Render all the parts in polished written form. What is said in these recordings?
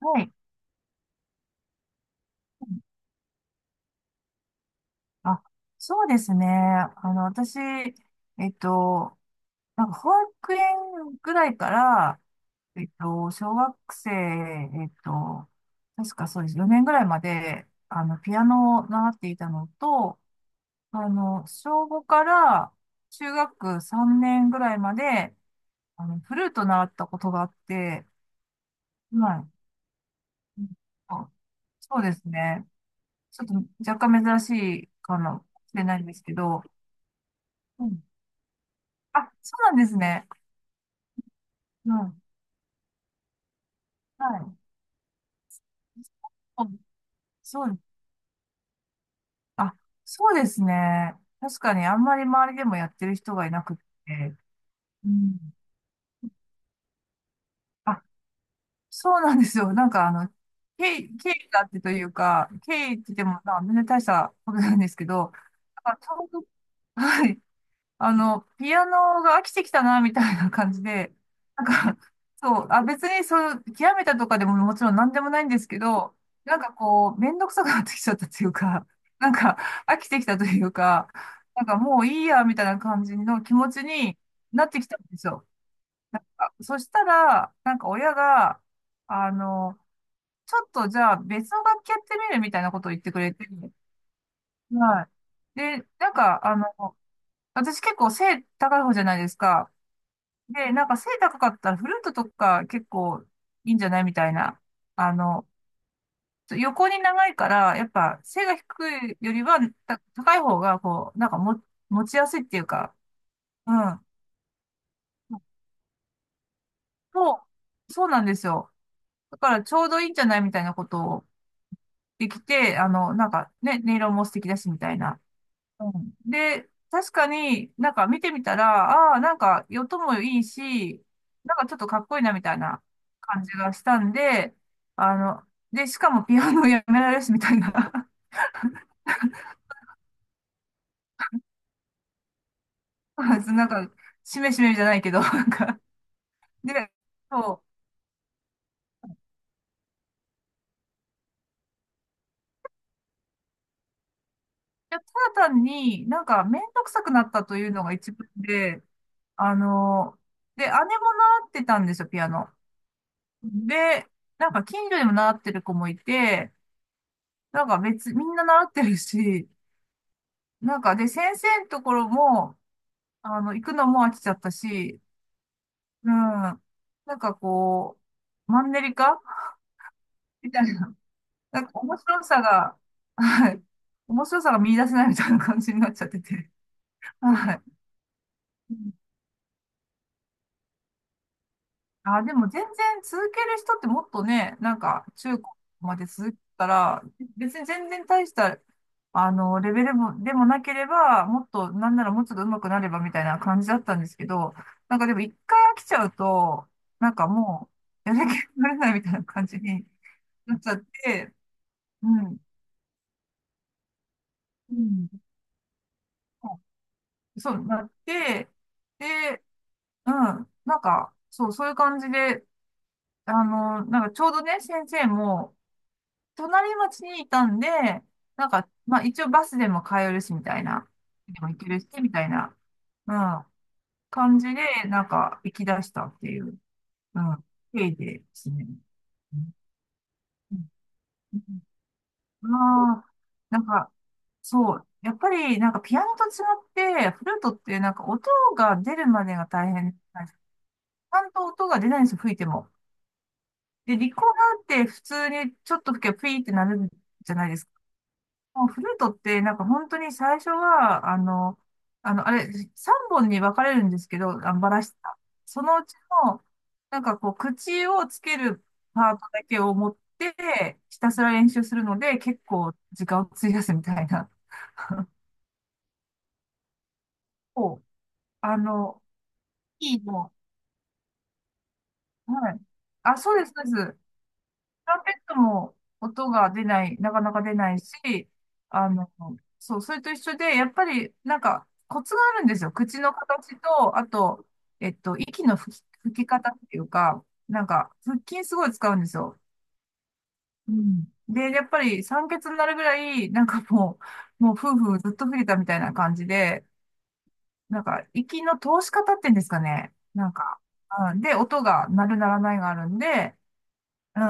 はい。あ、そうですね。私、っと、保育園ぐらいから、小学生、確かそうです。4年ぐらいまで、ピアノを習っていたのと、小5から中学3年ぐらいまで、フルート習ったことがあって、はい。あそうですね。ちょっと若干珍しいかもしれないんですけど、あ、そうなんですね。うん。はい。うんそう、あ、そうですね。確かにあんまり周りでもやってる人がいなくって。うん。あ、そうなんですよ。経緯があってというか、経緯って言っても、まあ、全然大したことなんですけど、あ、ちょうど、はい。ピアノが飽きてきたな、みたいな感じで、なんか、そう、あ、別にそう、極めたとかでももちろん何でもないんですけど、めんどくさくなってきちゃったというか、なんか飽きてきたというか、もういいや、みたいな感じの気持ちになってきたんですよ。そしたら、親が、あの、ちょっとじゃあ別の楽器やってみるみたいなことを言ってくれて、はい。で、私結構背高い方じゃないですか。で、背高かったらフルートとか結構いいんじゃないみたいな。あの、横に長いから、やっぱ背が低いよりは高い方が、こう、なんかも持ちやすいっていうか、うん。そう、そうなんですよ。だからちょうどいいんじゃないみたいなことをできて、音色も素敵だしみたいな。うんで、確かに見てみたら、ああ、音もいいし、ちょっとかっこいいなみたいな感じがしたんで、あの、で、しかもピアノやめられるしみたいな、なんか、しめしめじゃないけど、で、そう、いや、ただ単にめんどくさくなったというのが一番で、あの、で、姉も習ってたんですよ、ピアノ。で、近所にも習ってる子もいて、なんか別、みんな習ってるし、で、先生のところも、行くのも飽きちゃったし、うん。んかこマンネリ化みたいな。面白さが、はい。面白さが見出せないみたいな感じになっちゃってて。はい。あ、でも全然続ける人ってもっとね、中高まで続けたら、別に全然大した、レベルも、でもなければ、もっと、なんならもうちょっと上手くなればみたいな感じだったんですけど、でも一回飽きちゃうと、もう、やる気になれないみたいな感じになっちゃって、うん、うん、そうなって、で、うん、そう、そういう感じで、ちょうどね、先生も、隣町にいたんで、まあ一応バスでも通えるし、みたいな。でも行けるし、みたいな、うん、感じで、行き出したっていう、うん、経緯ですね。うんうんまあ、なんか、そう。やっぱり、ピアノと違って、フルートって音が出るまでが大変なんです。ちゃんと音が出ないんですよ、吹いても。で、リコーダーって普通にちょっと吹けばピーってなるじゃないですか。もうフルートって、本当に最初は、あれ、3本に分かれるんですけど、あバラしてた。そのうちの、口をつけるパートだけを持って、ひたすら練習するので、結構時間を費やすみたいな。こう、あの、いいの。はい。あ、そうです、そうです。ランペットも音が出ない、なかなか出ないし、あの、そう、それと一緒で、やっぱり、コツがあるんですよ。口の形と、あと、息の吹き方っていうか、腹筋すごい使うんですよ。うん。で、やっぱり酸欠になるぐらい、もう夫婦ずっと吹いたみたいな感じで、息の通し方っていうんですかね。うん、で、音が鳴る鳴らないがあるんで、う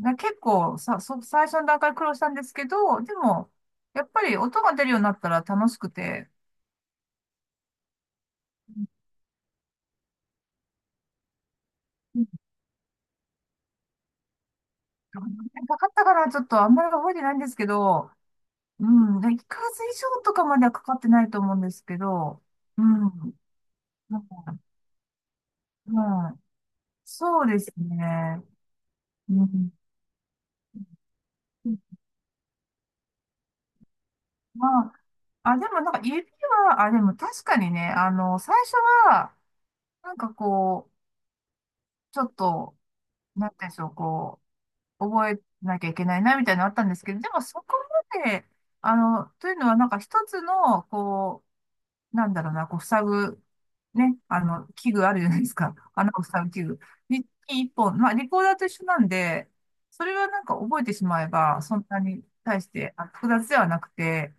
ん。で、結構さ、最初の段階苦労したんですけど、でも、やっぱり音が出るようになったら楽しくて、うんかかったからちょっとあんまり覚えてないんですけど、うん、1ヶ月以上とかまではかかってないと思うんですけど、うん、なんかうん、そうですね。うん、まあ、あ、でも指は、あ、でも確かにね、最初は、なんかこう、ちょっと、なんていうんでしょう、こう、覚えなきゃいけないな、みたいなのあったんですけど、でもそこまで、というのは一つの、こう、なんだろうな、こう、塞ぐ、ね、器具あるじゃないですか。穴を塞ぐ器具。に一本。まあ、リコーダーと一緒なんで、それは覚えてしまえば、そんなに対してあ複雑ではなくて、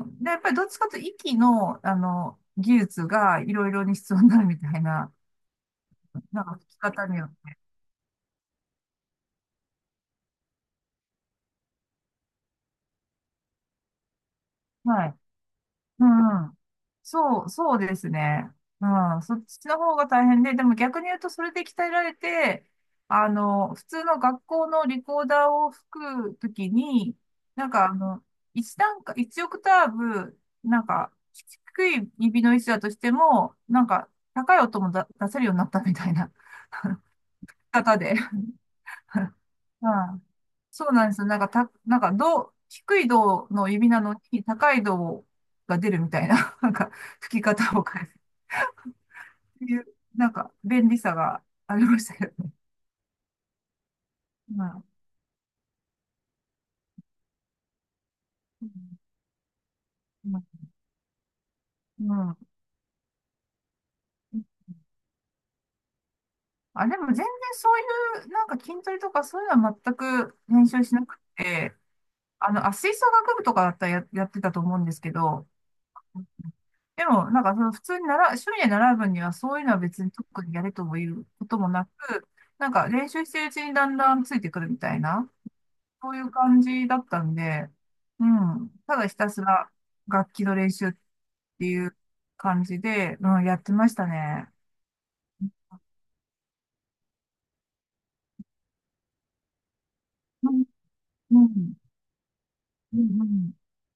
うん。で、やっぱりどっちかというと息の、技術がいろいろに必要になるみたいな、聞き方によって。はい。うん。そう、そうですね。うん。そっちの方が大変で、でも逆に言うとそれで鍛えられて、普通の学校のリコーダーを吹くときに、なんかあの、一段階、一オクターブ、低い指の位置だとしても、高い音も出せるようになったみたいな方で。うんそうなんですよ。なんか、た、なんか、銅、低い銅の指なのに、高い銅が出るみたいな、吹き方を変えるっていう、便利さがありましたよね。まあ、うん。うんうんあ、でも全然そういう、筋トレとかそういうのは全く練習しなくて、あ、吹奏楽部とかだったらやってたと思うんですけど、でも、その普通に習う、趣味で習う分には、そういうのは別に特にやれともいうこともなく、練習してるうちにだんだんついてくるみたいな、そういう感じだったんで、うん。ただひたすら楽器の練習っていう感じで、うん、やってましたね。うん、うん、うんうん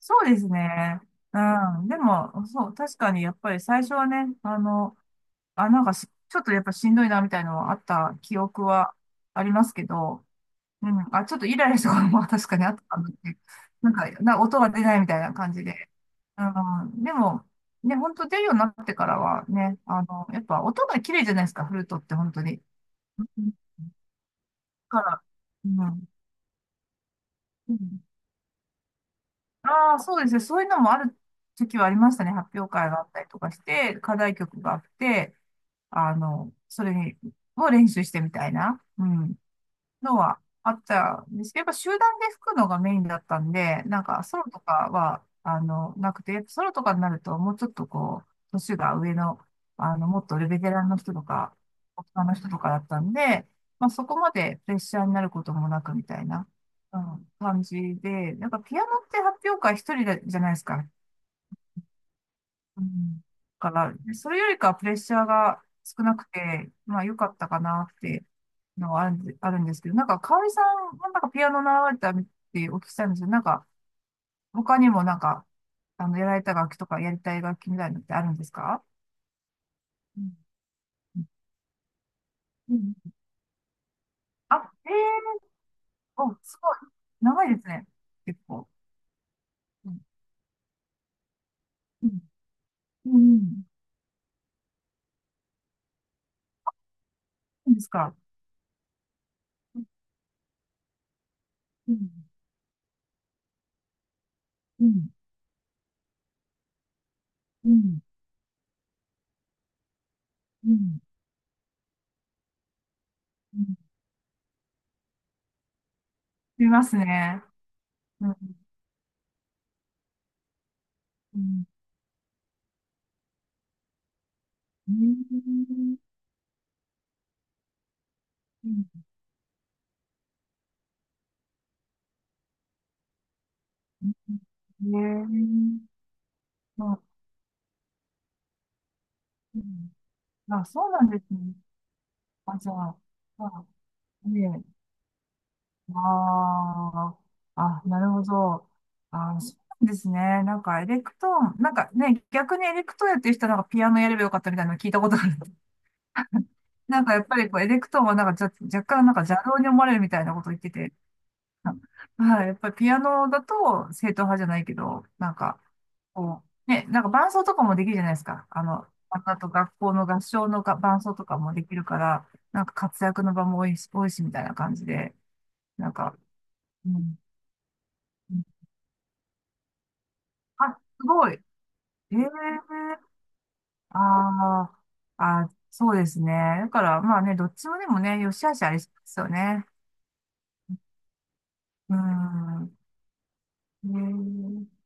そうですね。うん。でも、そう、確かにやっぱり最初はね、あ、なんかしちょっとやっぱしんどいなみたいなのはあった記憶はありますけど、うん。あ、ちょっとイライラしたことも確かにあったかなって。音が出ないみたいな感じで。うん。でも、ね、本当出るようになってからはね、やっぱ音が綺麗じゃないですか、フルートって本当に。うんだから、うん。うんああ、そうですね。そういうのもある時はありましたね。発表会があったりとかして、課題曲があって、それを練習してみたいな。うん。のはあったんですけど、やっぱ集団で吹くのがメインだったんで、ソロとかは、なくて、やっぱソロとかになるともうちょっとこう、年が上の、もっとベテランの人とか、大人の人とかだったんで、まあそこまでプレッシャーになることもなくみたいな、うん、感じで、ピアノって発表会一人じゃないですか、うん。から、それよりかはプレッシャーが少なくて、まあ良かったかなっていうのはあるんで、あるんですけど、かおりさんもピアノ習われたってお聞きしたんですけど、他にもやられた楽器とかやりたい楽器みたいなのってあるんですか？うんうんあ、ええお、すごい。長いですね。結構。うんうんうんそうですか？うんうんうんうんうん見ますね。うん。うんうーんねえ、まあ、うんあ、そうなんですね。あ、じゃあ、まあ、ねえ、ああ、あ、なるほど。あ、そうなんですね。エレクトーン、逆にエレクトーンやってる人はピアノやればよかったみたいなの聞いたことある。やっぱりこう、エレクトーンは若干邪道に思われるみたいなこと言ってて。あはい、やっぱりピアノだと正統派じゃないけど、こう、ね、伴奏とかもできるじゃないですか。あと学校の合唱のが伴奏とかもできるから、活躍の場も多いしみたいな感じで、なんか、うん、あ、すごい。ええああ、あ、そうですね。だから、まあね、どっちもでもね、良し悪しありそうですよね。うん。ええ